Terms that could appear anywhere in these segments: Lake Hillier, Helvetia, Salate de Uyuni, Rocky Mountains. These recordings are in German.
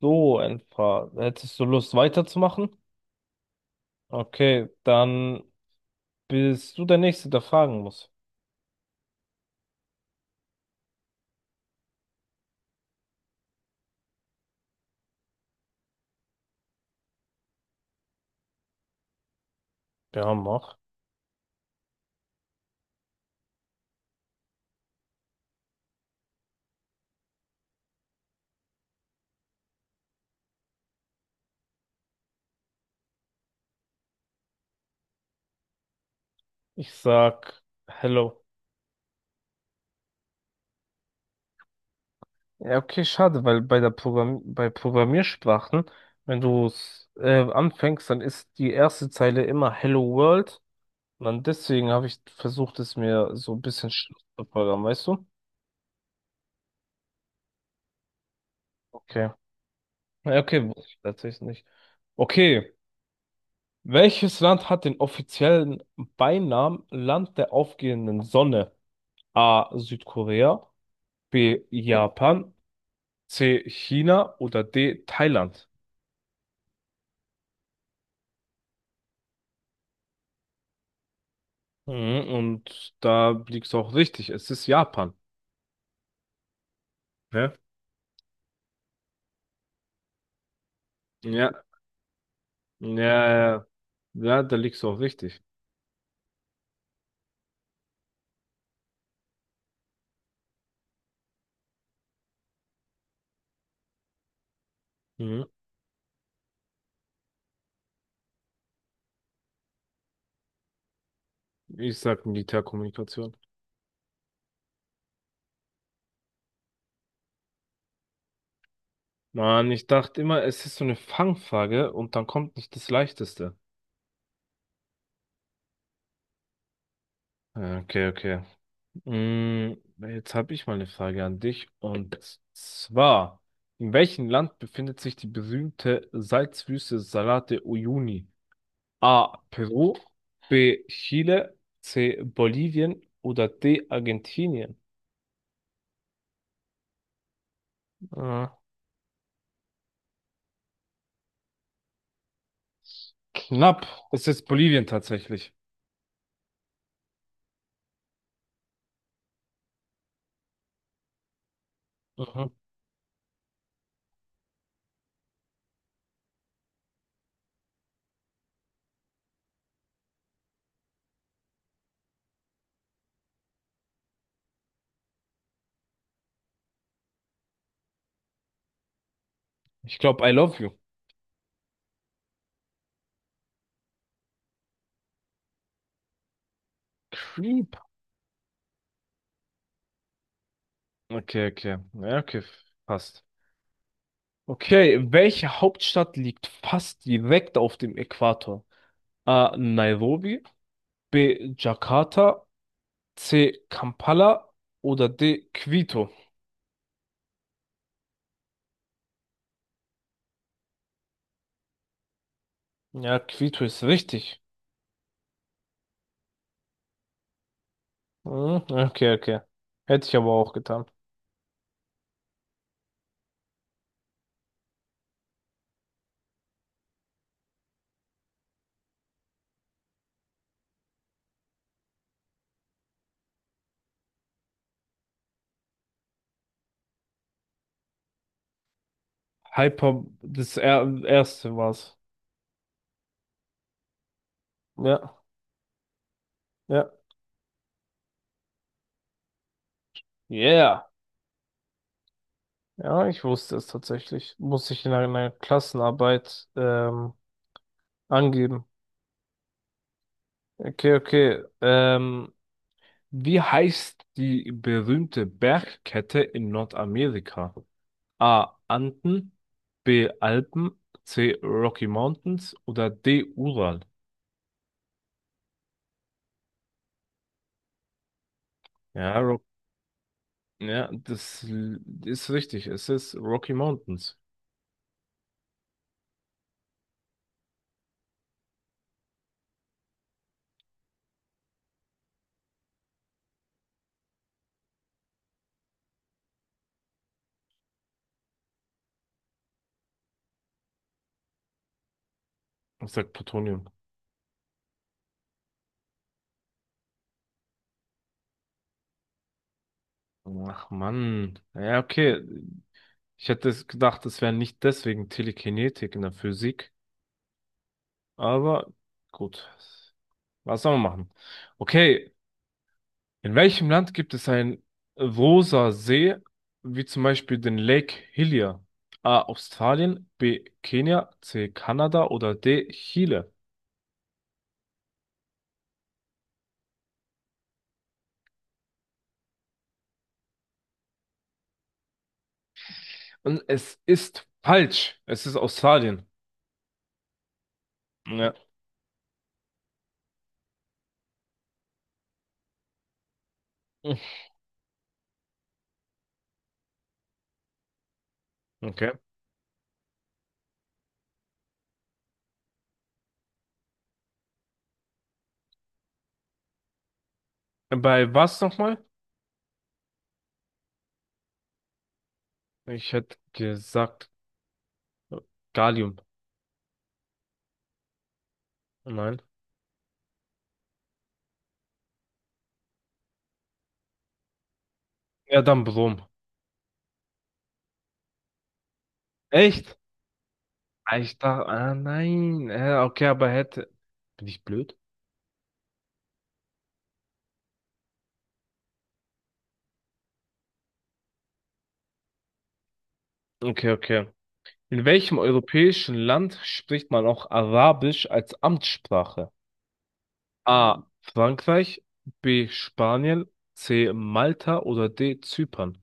So, ein paar. Hättest du Lust weiterzumachen? Okay, dann bist du der Nächste, der fragen muss. Ja, mach. Ich sag Hello. Ja, okay, schade, weil bei der Programm bei Programmiersprachen, wenn du es anfängst, dann ist die erste Zeile immer Hello World. Und dann deswegen habe ich versucht, es mir so ein bisschen schlecht zu programmieren, weißt du? Okay. Ja, okay, wusste ich tatsächlich nicht. Okay. Welches Land hat den offiziellen Beinamen Land der aufgehenden Sonne? A. Südkorea, B. Japan, C. China oder D. Thailand? Mhm, und da liegst du auch richtig. Es ist Japan. Ne? Ja, ja, ja, ja, da liegst du auch richtig. Mhm. Ich sag Militärkommunikation. Mann, ich dachte immer, es ist so eine Fangfrage und dann kommt nicht das Leichteste. Ja, okay, okay. Mm, jetzt habe ich mal eine Frage an dich und zwar, in welchem Land befindet sich die berühmte Salzwüste Salate de Uyuni? A. Peru, B. Chile, C. Bolivien oder D. Argentinien? Ah, knapp. Es ist Bolivien tatsächlich. Mhm. Ich glaube, I love you. Creep. Okay, okay. Ja, okay, passt. Okay, welche Hauptstadt liegt fast direkt auf dem Äquator? A. Nairobi. B. Jakarta, C. Kampala oder D. Quito. Ja, Quito ist richtig. Hm, okay, okay. Hätte ich aber auch getan. Hyper, das er erste war's. Ja, ja. Yeah. Ja, ich wusste es tatsächlich. Muss ich in einer Klassenarbeit angeben. Okay, okay. Wie heißt die berühmte Bergkette in Nordamerika? A. Anden, B. Alpen, C. Rocky Mountains oder D. Ural. Ja, das ist richtig. Es ist Rocky Mountains. Ich sag Plutonium. Ach Mann. Ja, okay. Ich hätte es gedacht, es wäre nicht deswegen Telekinetik in der Physik. Aber gut. Was soll man machen? Okay, in welchem Land gibt es einen rosa See, wie zum Beispiel den Lake Hillier? A. Australien, B. Kenia, C. Kanada oder D. Chile? Und es ist falsch. Es ist Australien. Ja. Okay. Bei was nochmal? Ich hätte gesagt Gallium. Nein. Ja, dann Brom. Echt? Ah, ich dachte, ah nein. Okay, aber hätte. Bin ich blöd? Okay, okay. In welchem europäischen Land spricht man auch Arabisch als Amtssprache? A. Frankreich, B. Spanien, C. Malta oder D. Zypern?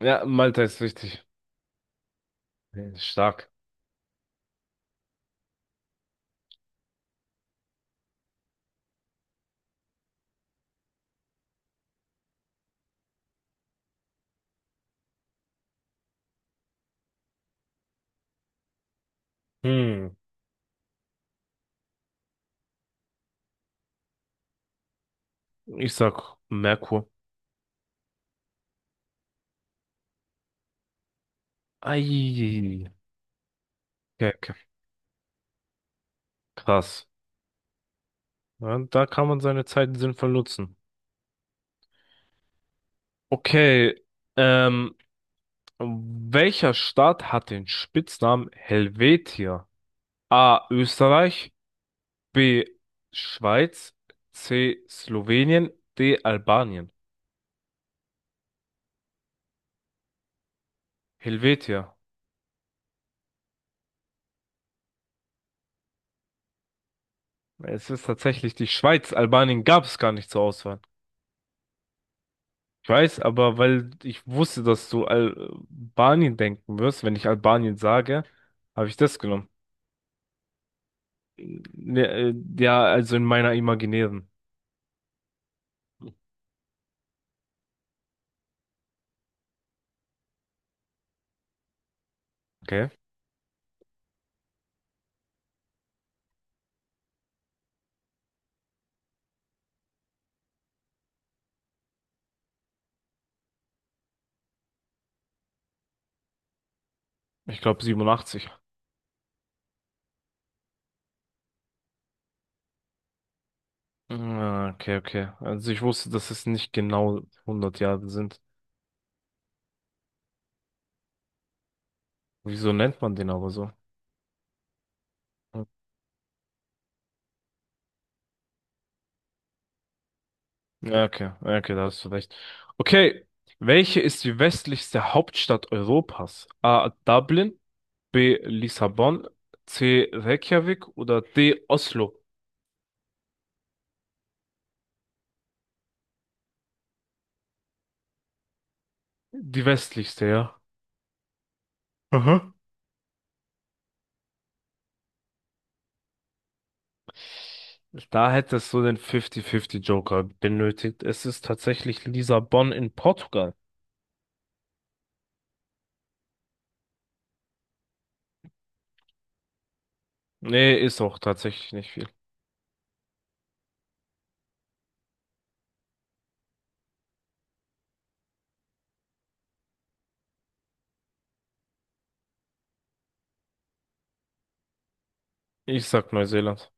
Ja, Malta ist richtig stark. Hm, ich sag Merkur. Ei, okay, okay. Krass. Ja, da kann man seine Zeit sinnvoll nutzen. Okay, ähm, welcher Staat hat den Spitznamen Helvetia? A. Österreich, B. Schweiz. C. Slowenien. D. Albanien. Helvetia. Es ist tatsächlich die Schweiz. Albanien gab es gar nicht zur Auswahl. Ich weiß, aber weil ich wusste, dass du Albanien denken wirst, wenn ich Albanien sage, habe ich das genommen. Ne, ja, also in meiner imaginären. Okay. Ich glaube 87. Ah, okay, okay. Also ich wusste, dass es nicht genau 100 Jahre sind. Wieso nennt man den aber so? Ja, okay, ja, okay, da hast du recht. Okay, welche ist die westlichste Hauptstadt Europas? A. Dublin, B. Lissabon, C. Reykjavik oder D. Oslo? Die westlichste, ja. Aha. Da hättest du den 50-50 Joker benötigt. Es ist tatsächlich Lissabon in Portugal. Nee, ist auch tatsächlich nicht viel. Ich sag Neuseeland.